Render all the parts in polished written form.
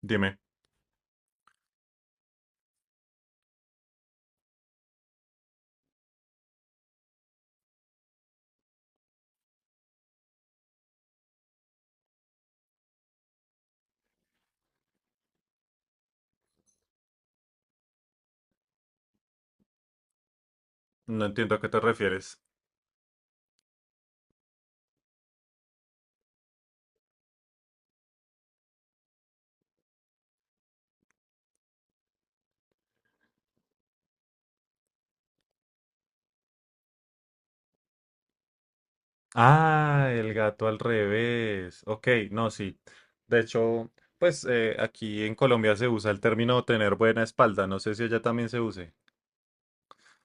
Dime, no entiendo a qué te refieres. Ah, el gato al revés. Ok, no, sí. De hecho, pues aquí en Colombia se usa el término tener buena espalda. No sé si allá también se use.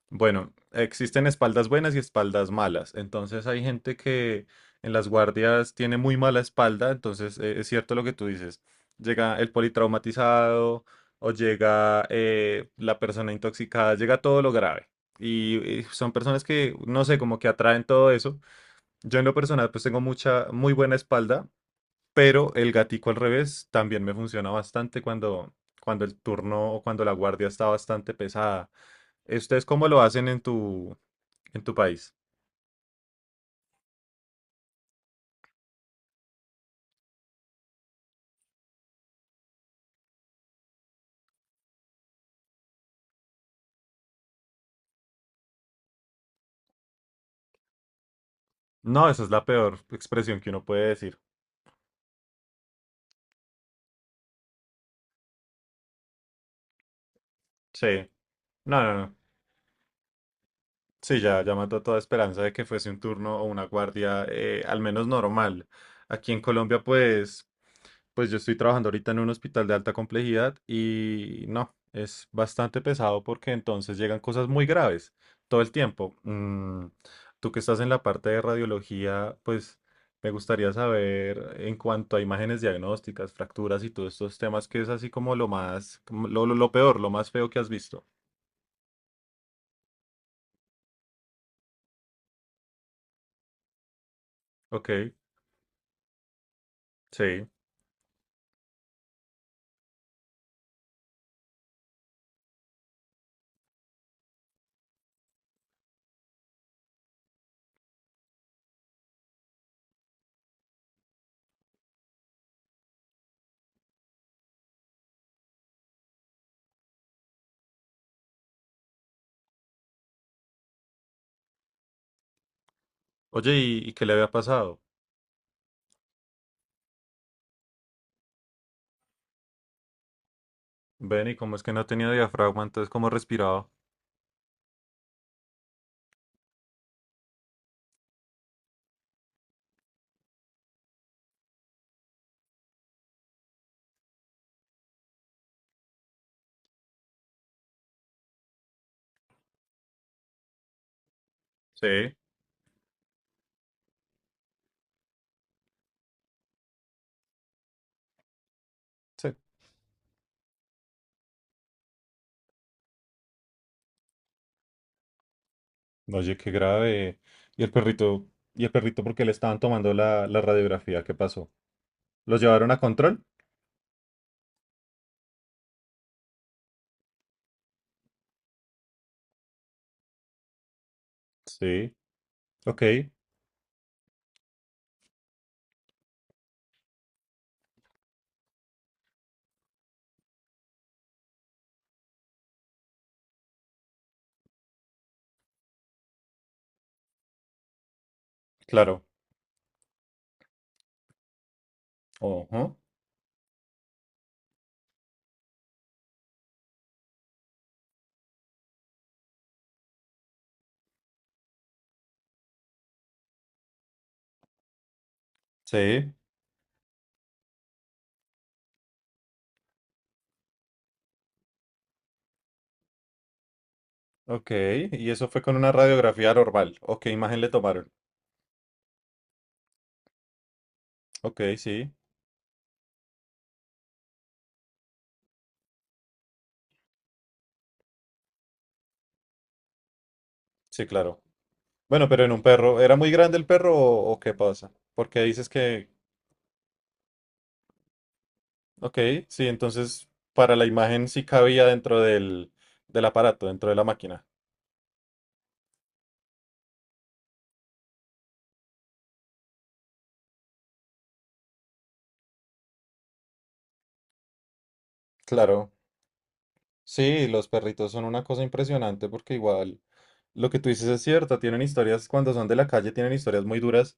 Bueno, existen espaldas buenas y espaldas malas. Entonces hay gente que en las guardias tiene muy mala espalda. Entonces es cierto lo que tú dices. Llega el politraumatizado o llega la persona intoxicada, llega todo lo grave. Y son personas que, no sé, como que atraen todo eso. Yo en lo personal pues tengo mucha, muy buena espalda, pero el gatico al revés también me funciona bastante cuando, cuando el turno o cuando la guardia está bastante pesada. ¿Ustedes cómo lo hacen en tu país? No, esa es la peor expresión que uno puede decir. Sí, no, no, no. Sí, ya, ya mató toda esperanza de que fuese un turno o una guardia, al menos normal. Aquí en Colombia, pues yo estoy trabajando ahorita en un hospital de alta complejidad y no, es bastante pesado porque entonces llegan cosas muy graves todo el tiempo. Tú que estás en la parte de radiología, pues me gustaría saber en cuanto a imágenes diagnósticas, fracturas y todos estos temas, que es así como lo más, como lo peor, lo más feo que has visto. Ok, sí. Oye, ¿y qué le había pasado? Ven, ¿y cómo es que no tenía diafragma? Entonces, ¿cómo respiraba? Sí. Oye, qué grave. ¿Y el perrito? ¿Y el perrito por qué le estaban tomando la radiografía? ¿Qué pasó? ¿Los llevaron a control? Sí. Ok, claro. Ojo. Sí. Ok, y eso fue con una radiografía normal. ¿O qué imagen le tomaron? Ok, sí. Sí, claro. Bueno, pero en un perro. ¿Era muy grande el perro o qué pasa? Porque dices que. Ok, sí, entonces para la imagen sí cabía dentro del aparato, dentro de la máquina. Claro. Sí, los perritos son una cosa impresionante porque igual lo que tú dices es cierto, tienen historias cuando son de la calle, tienen historias muy duras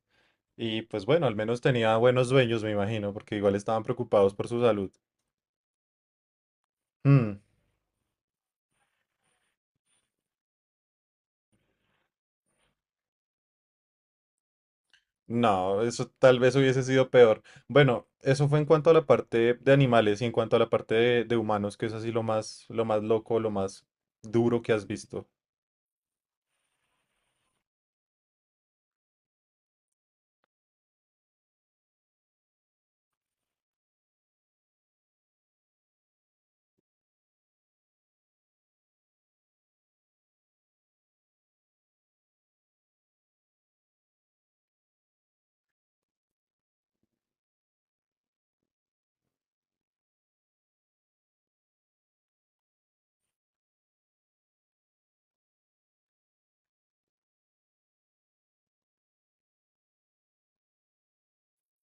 y pues bueno, al menos tenía buenos dueños, me imagino, porque igual estaban preocupados por su salud. Mm, no, eso tal vez hubiese sido peor. Bueno, eso fue en cuanto a la parte de animales y en cuanto a la parte de humanos, que es así lo más loco, lo más duro que has visto.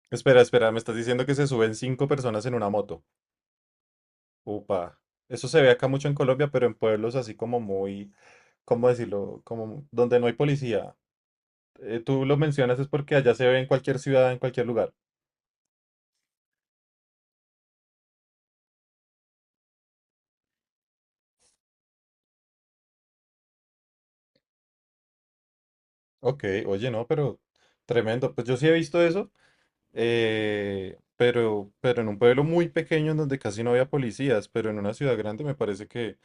Espera, espera, me estás diciendo que se suben cinco personas en una moto. Upa. Eso se ve acá mucho en Colombia, pero en pueblos así como muy ¿cómo decirlo? Como donde no hay policía. Tú lo mencionas es porque allá se ve en cualquier ciudad, en cualquier lugar. Ok, oye, no, pero tremendo. Pues yo sí he visto eso, pero en un pueblo muy pequeño en donde casi no había policías, pero en una ciudad grande me parece que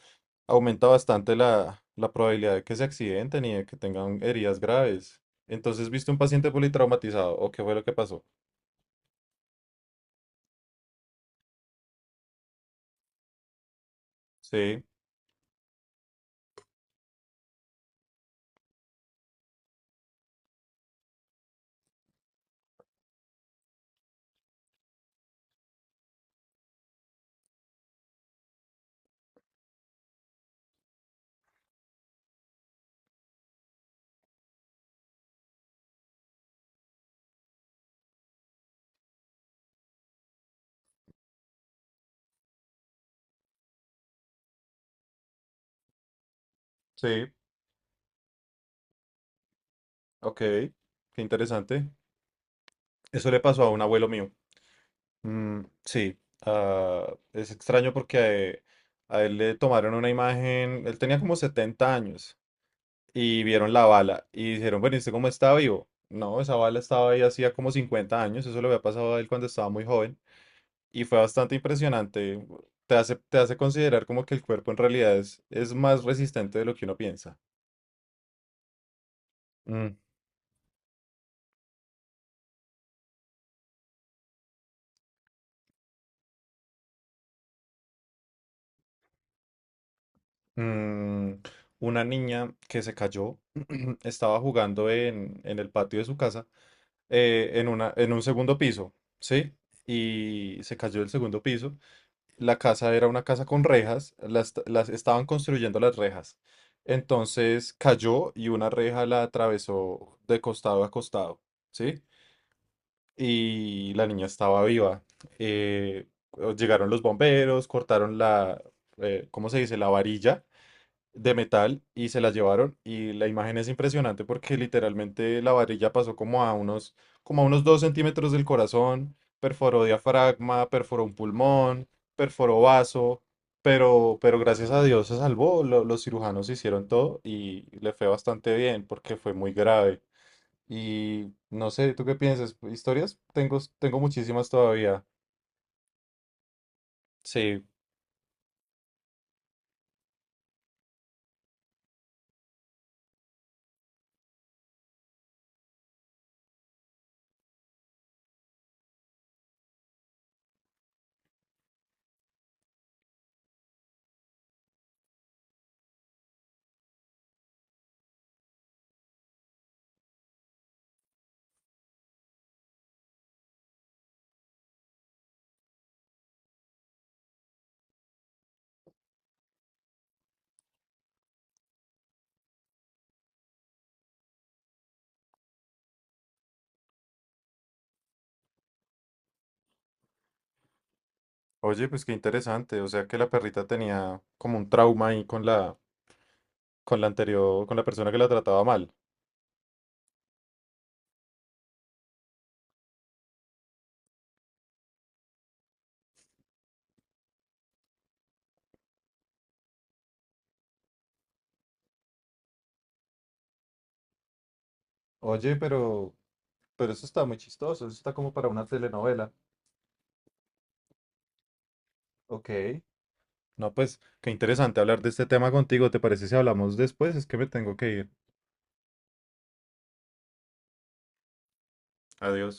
aumenta bastante la probabilidad de que se accidenten y de que tengan heridas graves. Entonces, ¿viste un paciente politraumatizado? ¿O qué fue lo que pasó? Sí, sí, ok, qué interesante. Eso le pasó a un abuelo mío. Mm, sí, ah, es extraño porque a él, le tomaron una imagen, él tenía como 70 años y vieron la bala y dijeron, bueno, ¿y usted cómo está vivo? No, esa bala estaba ahí hacía como 50 años, eso le había pasado a él cuando estaba muy joven y fue bastante impresionante, te hace considerar como que el cuerpo en realidad es más resistente de lo que uno piensa. Mm, mm, una niña que se cayó estaba jugando en el patio de su casa en un segundo piso, ¿sí? Y se cayó del segundo piso. La casa era una casa con rejas, las estaban construyendo las rejas. Entonces cayó y una reja la atravesó de costado a costado, ¿sí? Y la niña estaba viva. Eh, llegaron los bomberos, cortaron la, ¿cómo se dice? La varilla de metal y se las llevaron y la imagen es impresionante porque literalmente la varilla pasó como a unos 2 centímetros del corazón, perforó diafragma, perforó un pulmón, perforó vaso, pero gracias a Dios se salvó, los cirujanos hicieron todo y le fue bastante bien porque fue muy grave. Y no sé, ¿tú qué piensas? ¿Historias? Tengo muchísimas todavía. Sí. Oye, pues qué interesante. O sea que la perrita tenía como un trauma ahí con la anterior, con la persona que la trataba mal. Oye, pero eso está muy chistoso, eso está como para una telenovela. Ok. No, pues, qué interesante hablar de este tema contigo. ¿Te parece si hablamos después? Es que me tengo que ir. Adiós.